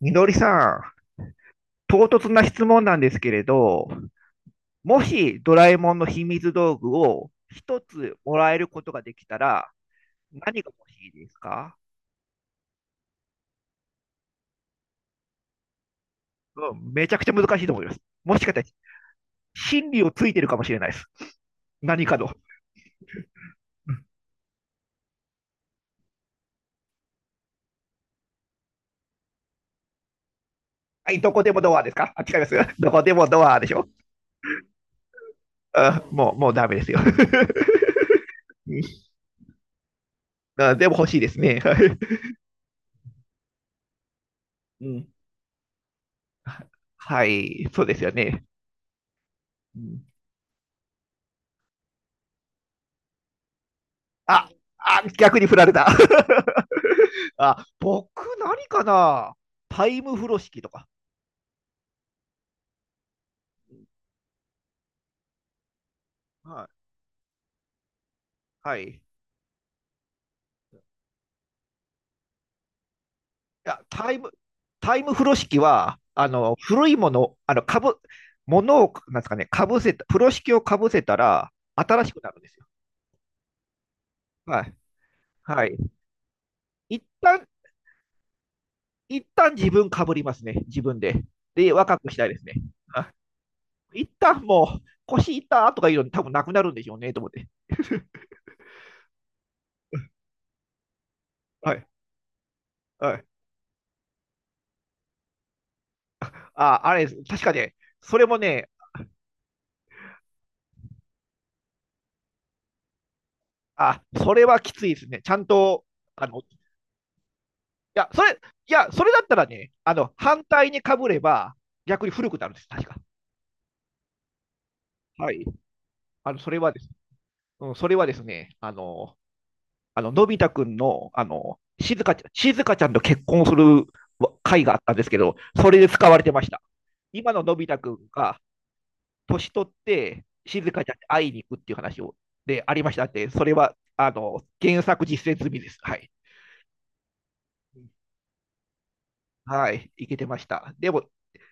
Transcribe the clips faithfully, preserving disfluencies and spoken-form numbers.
みのりさん、唐突な質問なんですけれど、もしドラえもんの秘密道具を一つもらえることができたら、何が欲しいですか？うん、めちゃくちゃ難しいと思います。もしかしたら、真理をついてるかもしれないです。何かの。うん。はい、どこでもドアですかあ、違います。どこでもドアでしょ？あ、もう、もうダメですよ。うん。あでも欲しいですね。はい。うん、はい、そうですよね。うん。あ、あ、逆に振られた。あ、僕、何かな、タイム風呂敷とか。はい。はい。いや、タイム、タイム風呂敷は、あの、古いもの、あの、かぶ、ものを、なんですかね、かぶせた、風呂敷をかぶせたら、新しくなるんですよ。はい。はい。一旦、一旦自分かぶりますね。自分で。で、若くしたいですね。はい。一旦もう、腰痛とかいうの多分なくなるんでしょうね、と思って。はい。はい。あ、あれです、確かね、それもね、あ、それはきついですね。ちゃんと、あの、いや、それ、いや、それだったらね、あの、反対にかぶれば、逆に古くなるんです、確か。はい。あの、それはです、うん、それはですね、あの、あの、のび太くんの、あの、しずかちゃん、しずかちゃんと結婚する回があったんですけど、それで使われてました。今ののび太くんが、年取って、しずかちゃんに会いに行くっていう話を、で、ありましたって、それは、あの、原作実践済みです。はい。はい、いけてました。でも、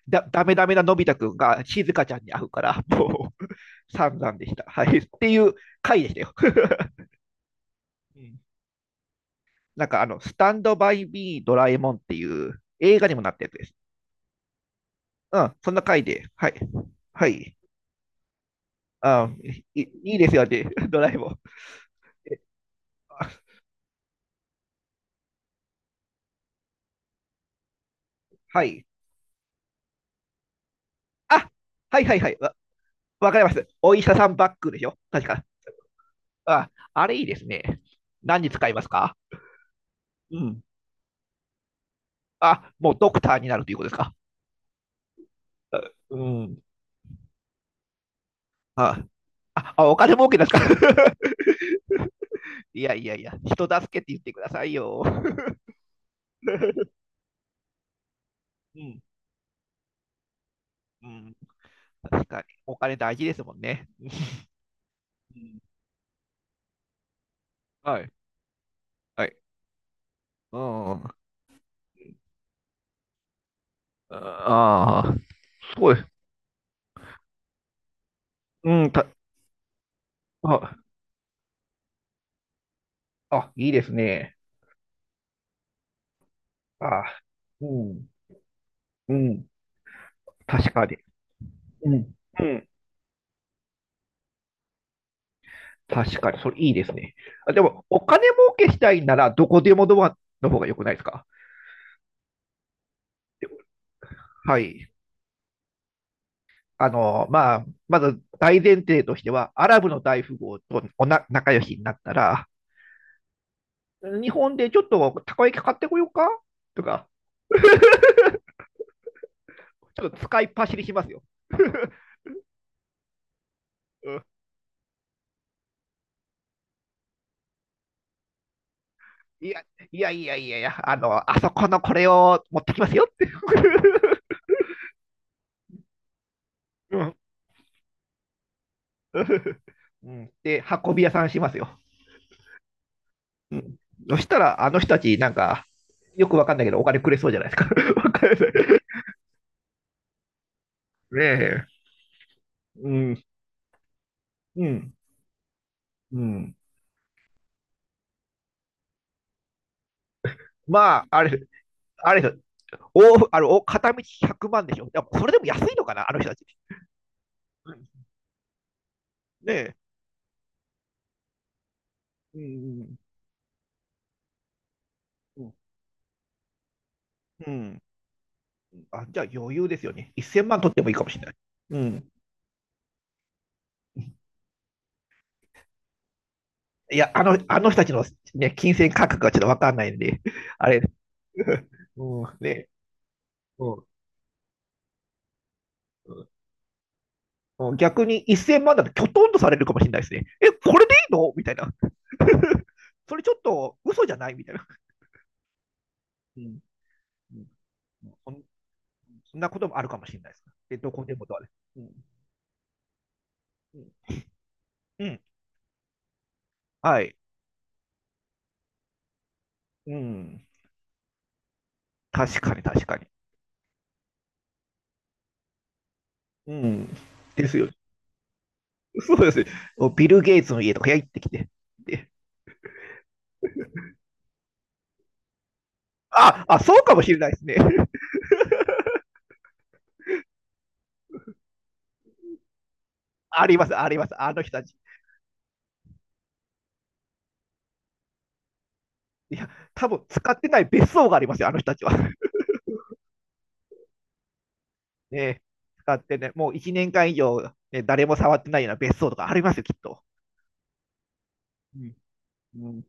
だ、ダメダメなのび太くんが静香ちゃんに会うから、もう、散々でした。はい。っていう回でしたよ。うん。なんか、あの、スタンドバイビードラえもんっていう映画にもなったやつです。うん、そんな回で、はい。はい。あ、い、いいですよね、ドラえもん。え。あ。はい。あ、はいはいはい。わ、わかります。お医者さんバッグでしょ確か。あ、あれいいですね。何に使いますか？うん。あ、もうドクターになるということですか？うん。あ、あ、あお金儲けですか？ いやいやいや、人助けって言ってくださいよ。うん、うん。確かに、お金大事ですもんね。うん、はい、はい。うん。ああ、そうです。うん、た、あ、あ、いいですね。あ、うん、うん。確かに。うん、うん。確かに、それいいですね。あ、でも、お金儲けしたいなら、どこでもドアの方が良くないですか？はい。あの、まあ、まず大前提としては、アラブの大富豪とおな仲良しになったら、日本でちょっとたこ焼き買ってこようかとか、ちょっと使いっ走りしますよ。うん。いや、いやいやいやいや、あの、あそこのこれを持ってきますよって。うん。うんで、運び屋さんしますよ。うん、そしたら、あの人たち、なんか、よくわかんないけど、お金くれそうじゃないですか。わ かんない。ねえ。うん、うん、うん。まあ、あれ、あれお、あの、お片道ひゃくまんでしょ。でもそれでも安いのかな、あの人たち。ねえ。うんうんうん。あ、じゃあ余裕ですよね。せんまん取ってもいいかもしれない。うん。いや、あの、あの人たちの、ね、金銭価格がちょっとわかんないんで、あれ、うん。ね、うん。うん、逆にせんまんだときょとんとされるかもしれないですね。え、これでいいのみたいな。それちょっと嘘じゃないみたいな。うん。そんそんなこともあるかもしれないです。で、どこでもとはね。うん。うん。うん。はい。うん。確かに、確かに。うん。ですよ。そうですね。ビル・ゲイツの家とか行ってきて。で、あ、あ、そうかもしれないですね。あります、あります。あの人たち。いや、多分使ってない別荘がありますよ、あの人たちは。ね、使ってね、もういちねんかん以上、ね、誰も触ってないような別荘とかありますよ、きっと。うん。うん。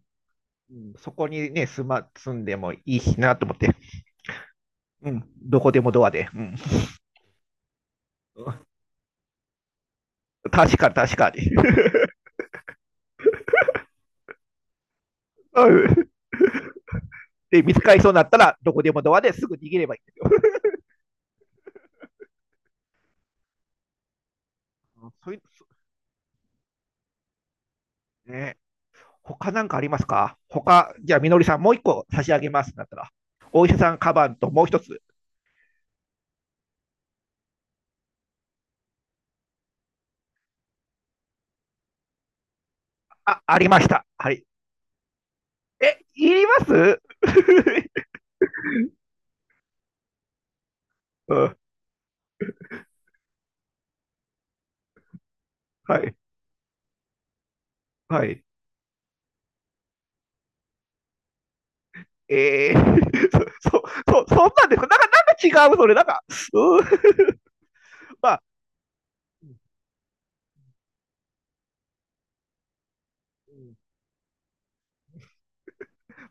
うん。そこにね、住ま、住んでもいいしなと思って。うん。どこでもドアで。うん、確かに、確かに。うんで、見つかりそうになったら、どこでもドアですぐ逃げればいい。うん、そういう、ね、他なんかありますか？他、じゃあ、みのりさん、もう一個差し上げますだったら、お医者さんカバンともう一つ、あ、ありました。はい。え、いります？ うん、はい、はい。えー、そ、そ、そ、そんなんですか？なんか、なんか違う、それ、なんか、うん、まあ、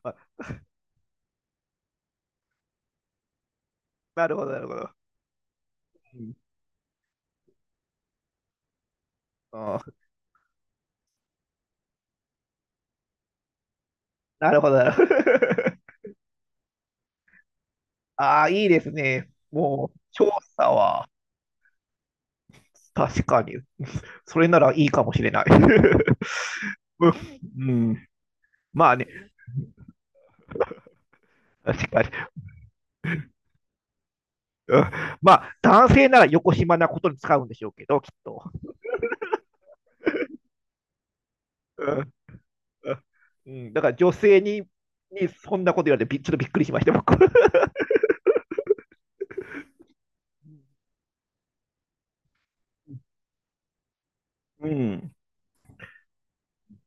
まあ、なるほど、なるほど。うん。あー、なるほど、なるほど。ああ、いいですね。もう、調査は。確かに。それならいいかもしれない。うん、うん。まあね、確かに。うん。まあ、男性なら横島なことに使うんでしょうけど、きっと。うん。うん、だから女性ににそんなこと言われてび、ちょっとびっくりしました、僕。うん。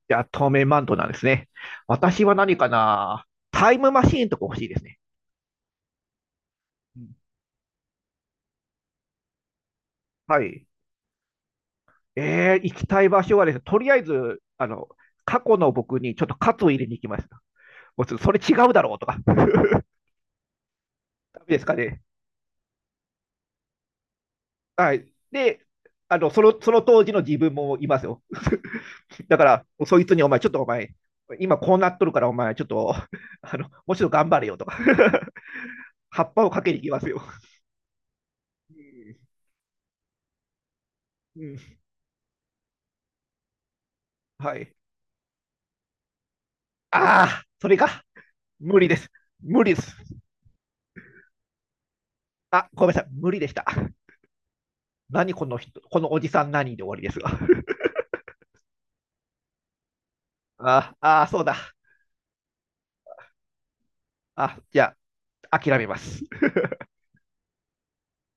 じゃあ、透明マントなんですね。私は何かな、タイムマシーンとか欲しいですね。うん。はい。えー、行きたい場所はですね、とりあえず、あの、過去の僕にちょっと喝を入れに行きました。もうちょっとそれ違うだろうとか。ダメですかね。はい。で、あの、その、その当時の自分もいますよ。だから、そいつにお前、ちょっとお前、今こうなっとるからお前、ちょっと、あの、もうちょっと頑張れよとか 葉っぱをかけに行きますよ。うん、うん。はい。ああ、それか。無理です。無理です。あ、ごめんなさい。無理でした。何この人、このおじさん何で終わりですが。ああ、そうだ。あ、じゃあ、諦めます。